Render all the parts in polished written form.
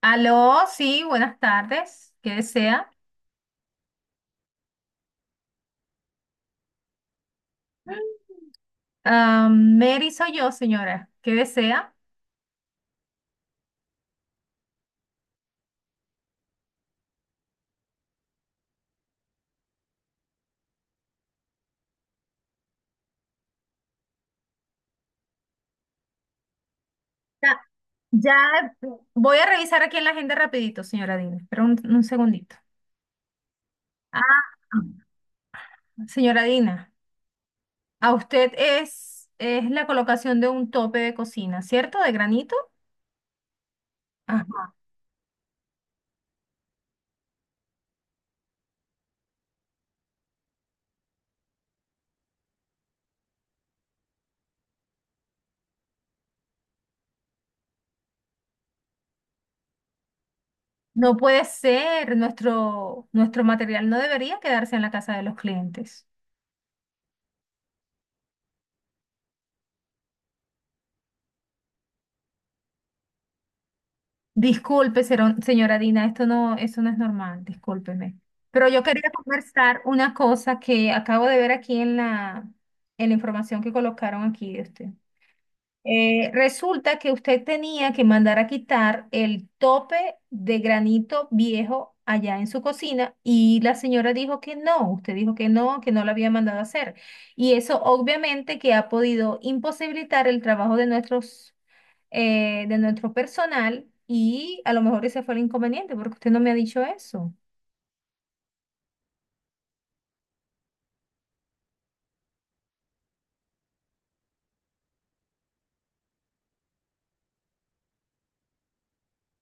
Aló, sí, buenas tardes. ¿Qué desea? Ah, Mary soy yo, señora. ¿Qué desea? Ya, ya, voy a revisar aquí en la agenda rapidito, señora Dina. Espera un segundito. Ah, señora Dina, a usted es la colocación de un tope de cocina, ¿cierto? De granito. Ajá. No puede ser, nuestro material no debería quedarse en la casa de los clientes. Disculpe, señora Dina, esto no, eso no es normal, discúlpeme. Pero yo quería conversar una cosa que acabo de ver aquí en en la información que colocaron aquí de usted. Resulta que usted tenía que mandar a quitar el tope de granito viejo allá en su cocina y la señora dijo que no, usted dijo que no lo había mandado a hacer. Y eso obviamente que ha podido imposibilitar el trabajo de de nuestro personal y a lo mejor ese fue el inconveniente porque usted no me ha dicho eso.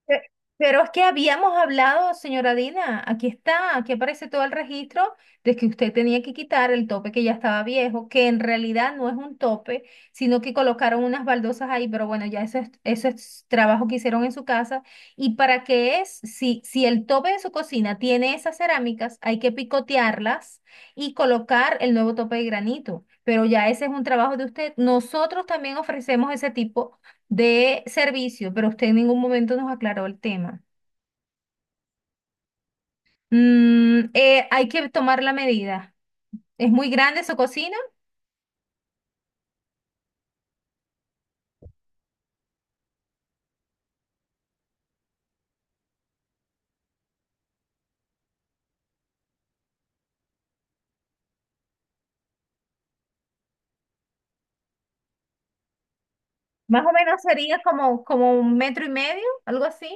Pe- Pero es que habíamos hablado, señora Dina, aquí está, aquí aparece todo el registro de que usted tenía que quitar el tope que ya estaba viejo, que en realidad no es un tope, sino que colocaron unas baldosas ahí, pero bueno, eso es trabajo que hicieron en su casa. ¿Y para qué es? Si el tope de su cocina tiene esas cerámicas, hay que picotearlas y colocar el nuevo tope de granito. Pero ya ese es un trabajo de usted. Nosotros también ofrecemos ese tipo de servicio, pero usted en ningún momento nos aclaró el tema. Hay que tomar la medida. ¿Es muy grande su cocina? Más o menos sería como 1,5 metros, algo así,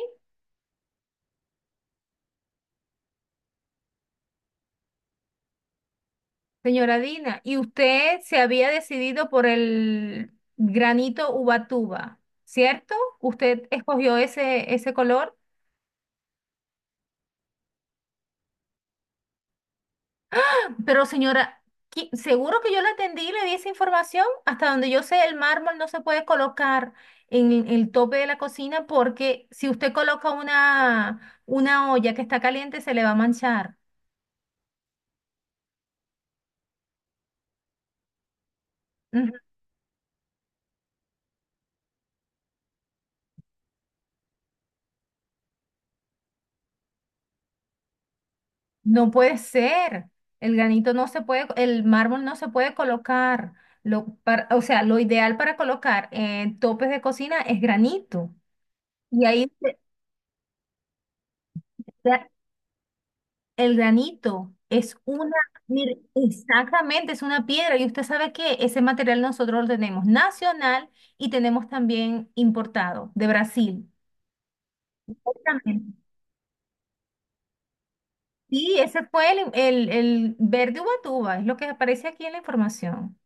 señora Dina. ¿Y usted se había decidido por el granito Ubatuba, cierto? ¿Usted escogió ese color? Pero señora, seguro que yo la atendí y le di esa información. Hasta donde yo sé, el mármol no se puede colocar en el tope de la cocina porque si usted coloca una olla que está caliente, se le va a manchar. Ujú. No puede ser. El granito no se puede, el mármol no se puede colocar. O sea, lo ideal para colocar en topes de cocina es granito. Y ahí se- El granito es mire, exactamente, es una piedra y usted sabe que ese material nosotros lo tenemos nacional y tenemos también importado de Brasil. Exactamente. Sí, ese fue el verde ubatuba, es lo que aparece aquí en la información.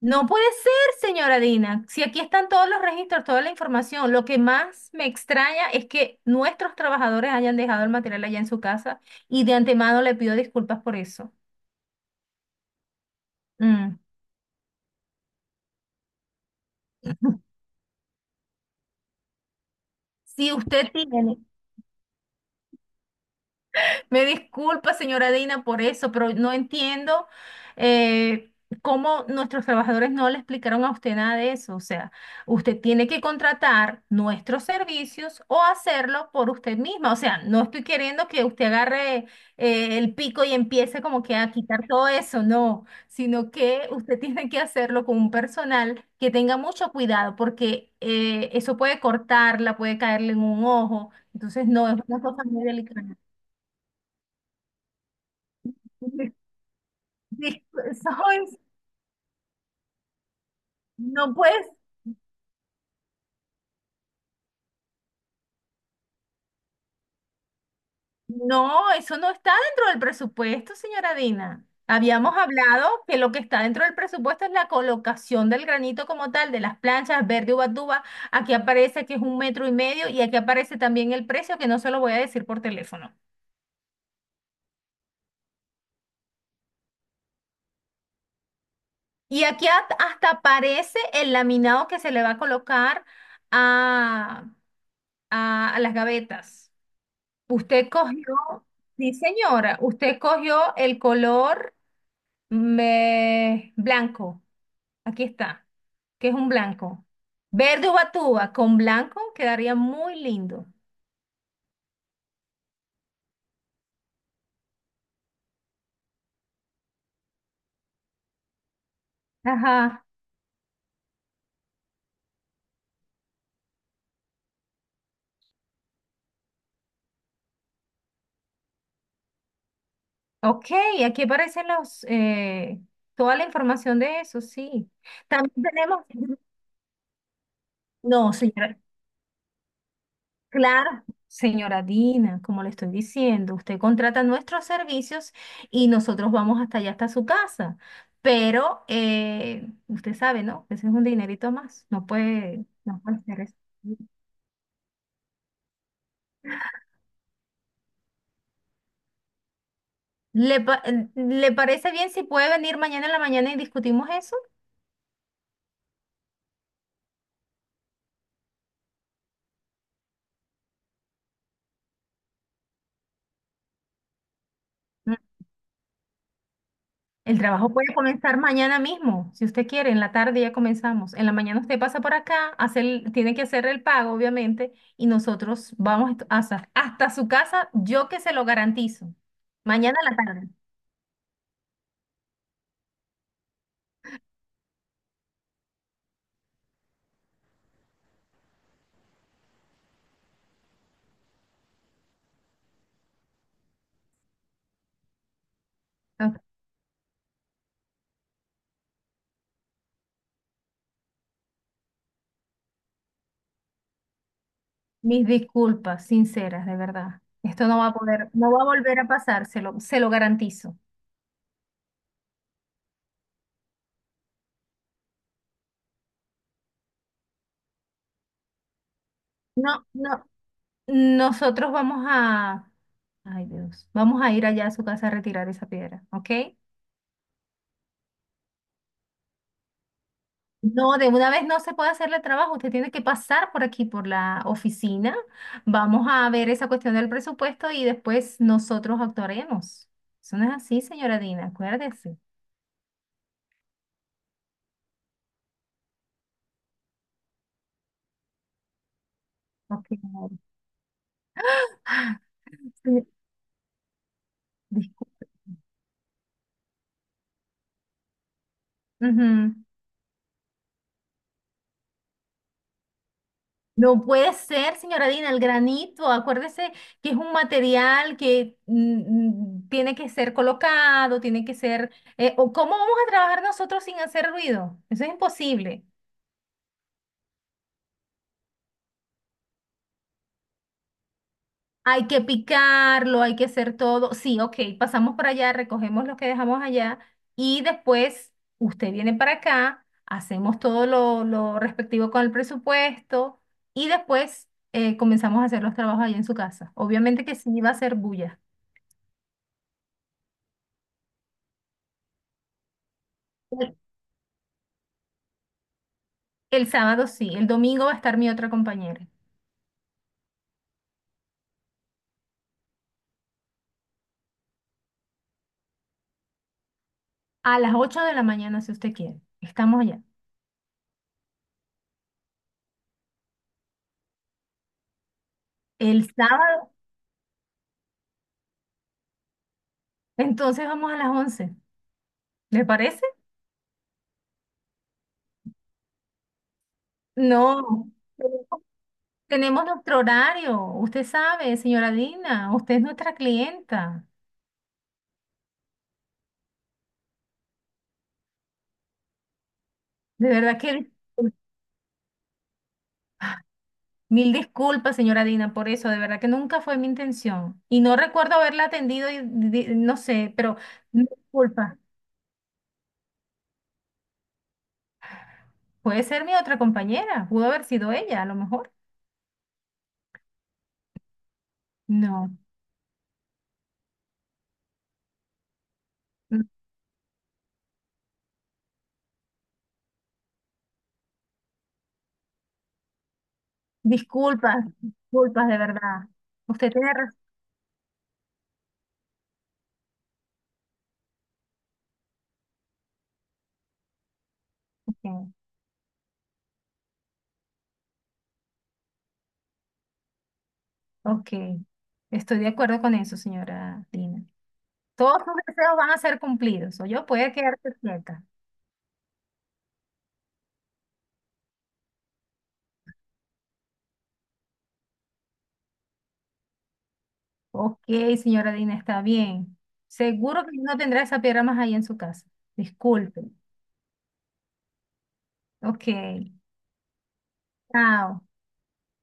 No puede ser, señora Dina, si aquí están todos los registros, toda la información. Lo que más me extraña es que nuestros trabajadores hayan dejado el material allá en su casa y de antemano le pido disculpas por eso. Mm. Si usted tiene me disculpa, señora Dina, por eso, pero no entiendo eh, cómo nuestros trabajadores no le explicaron a usted nada de eso. O sea, usted tiene que contratar nuestros servicios o hacerlo por usted misma. O sea, no estoy queriendo que usted agarre el pico y empiece como que a quitar todo eso, no, sino que usted tiene que hacerlo con un personal que tenga mucho cuidado porque eso puede cortarla, puede caerle en un ojo. Entonces, no, es una cosa muy delicada. Dis- sois- no puedes, no, eso no está dentro del presupuesto, señora Dina. Habíamos hablado que lo que está dentro del presupuesto es la colocación del granito como tal, de las planchas verde ubatuba. Aquí aparece que es 1,5 metros y aquí aparece también el precio que no se lo voy a decir por teléfono. Y aquí hasta aparece el laminado que se le va a colocar a, a las gavetas. Usted cogió, sí señora, usted cogió el color. Me... Blanco. Aquí está. ¿Qué es un blanco? Verde ubatuba con blanco quedaría muy lindo. Ajá. Ok, aquí aparecen toda la información de eso, sí. También tenemos... No, señora. Claro. Señora Dina, como le estoy diciendo, usted contrata nuestros servicios y nosotros vamos hasta allá, hasta su casa. Pero usted sabe, ¿no? Ese es un dinerito más. No puede ser eso. ¿Le, pa- ¿Le parece bien si puede venir mañana en la mañana y discutimos eso? Mm, El trabajo puede comenzar mañana mismo, si usted quiere, en la tarde ya comenzamos. En la mañana usted pasa por acá, tiene que hacer el pago, obviamente, y nosotros hasta, hasta su casa, yo que se lo garantizo. Mañana en la tarde. Ok. Mis disculpas sinceras, de verdad. Esto no va a poder, no va a volver a pasar, se lo garantizo. No, no. Nosotros vamos a, ay Dios, vamos a ir allá a su casa a retirar esa piedra, ¿ok? No, de una vez no se puede hacerle trabajo, usted tiene que pasar por aquí, por la oficina. Vamos a ver esa cuestión del presupuesto y después nosotros actuaremos. Eso no es así, señora Dina, acuérdese. Ok. Sí, discul- Ujú. No puede ser, señora Dina, el granito. Acuérdese que es un material que tiene que ser colocado, tiene que ser... o ¿cómo vamos a trabajar nosotros sin hacer ruido? Eso es imposible. Hay que picarlo, hay que hacer todo. Sí, ok, pasamos por allá, recogemos lo que dejamos allá y después usted viene para acá, hacemos todo lo respectivo con el presupuesto y después comenzamos a hacer los trabajos ahí en su casa. Obviamente que sí va a ser bulla. El sábado sí, el domingo va a estar mi otra compañera. A las 8 de la mañana, si usted quiere. Estamos allá. El sábado, entonces vamos a las 11. ¿Le parece? No. Tenemos nuestro horario. Usted sabe, señora Dina, usted es nuestra clienta. De verdad que mil disculpas, señora Dina, por eso. De verdad que nunca fue mi intención. Y no recuerdo haberla atendido, y, no sé, pero disculpa. Puede ser mi otra compañera. Pudo haber sido ella, a lo mejor. No. Disculpas, disculpas de verdad. Usted tiene razón. Ok, estoy de acuerdo con eso, señora Dina. Todos sus deseos van a ser cumplidos, o yo puede quedarse quieta. Ok, señora Dina, está bien. Seguro que no tendrá esa piedra más ahí en su casa. Disculpe. Ok, chao.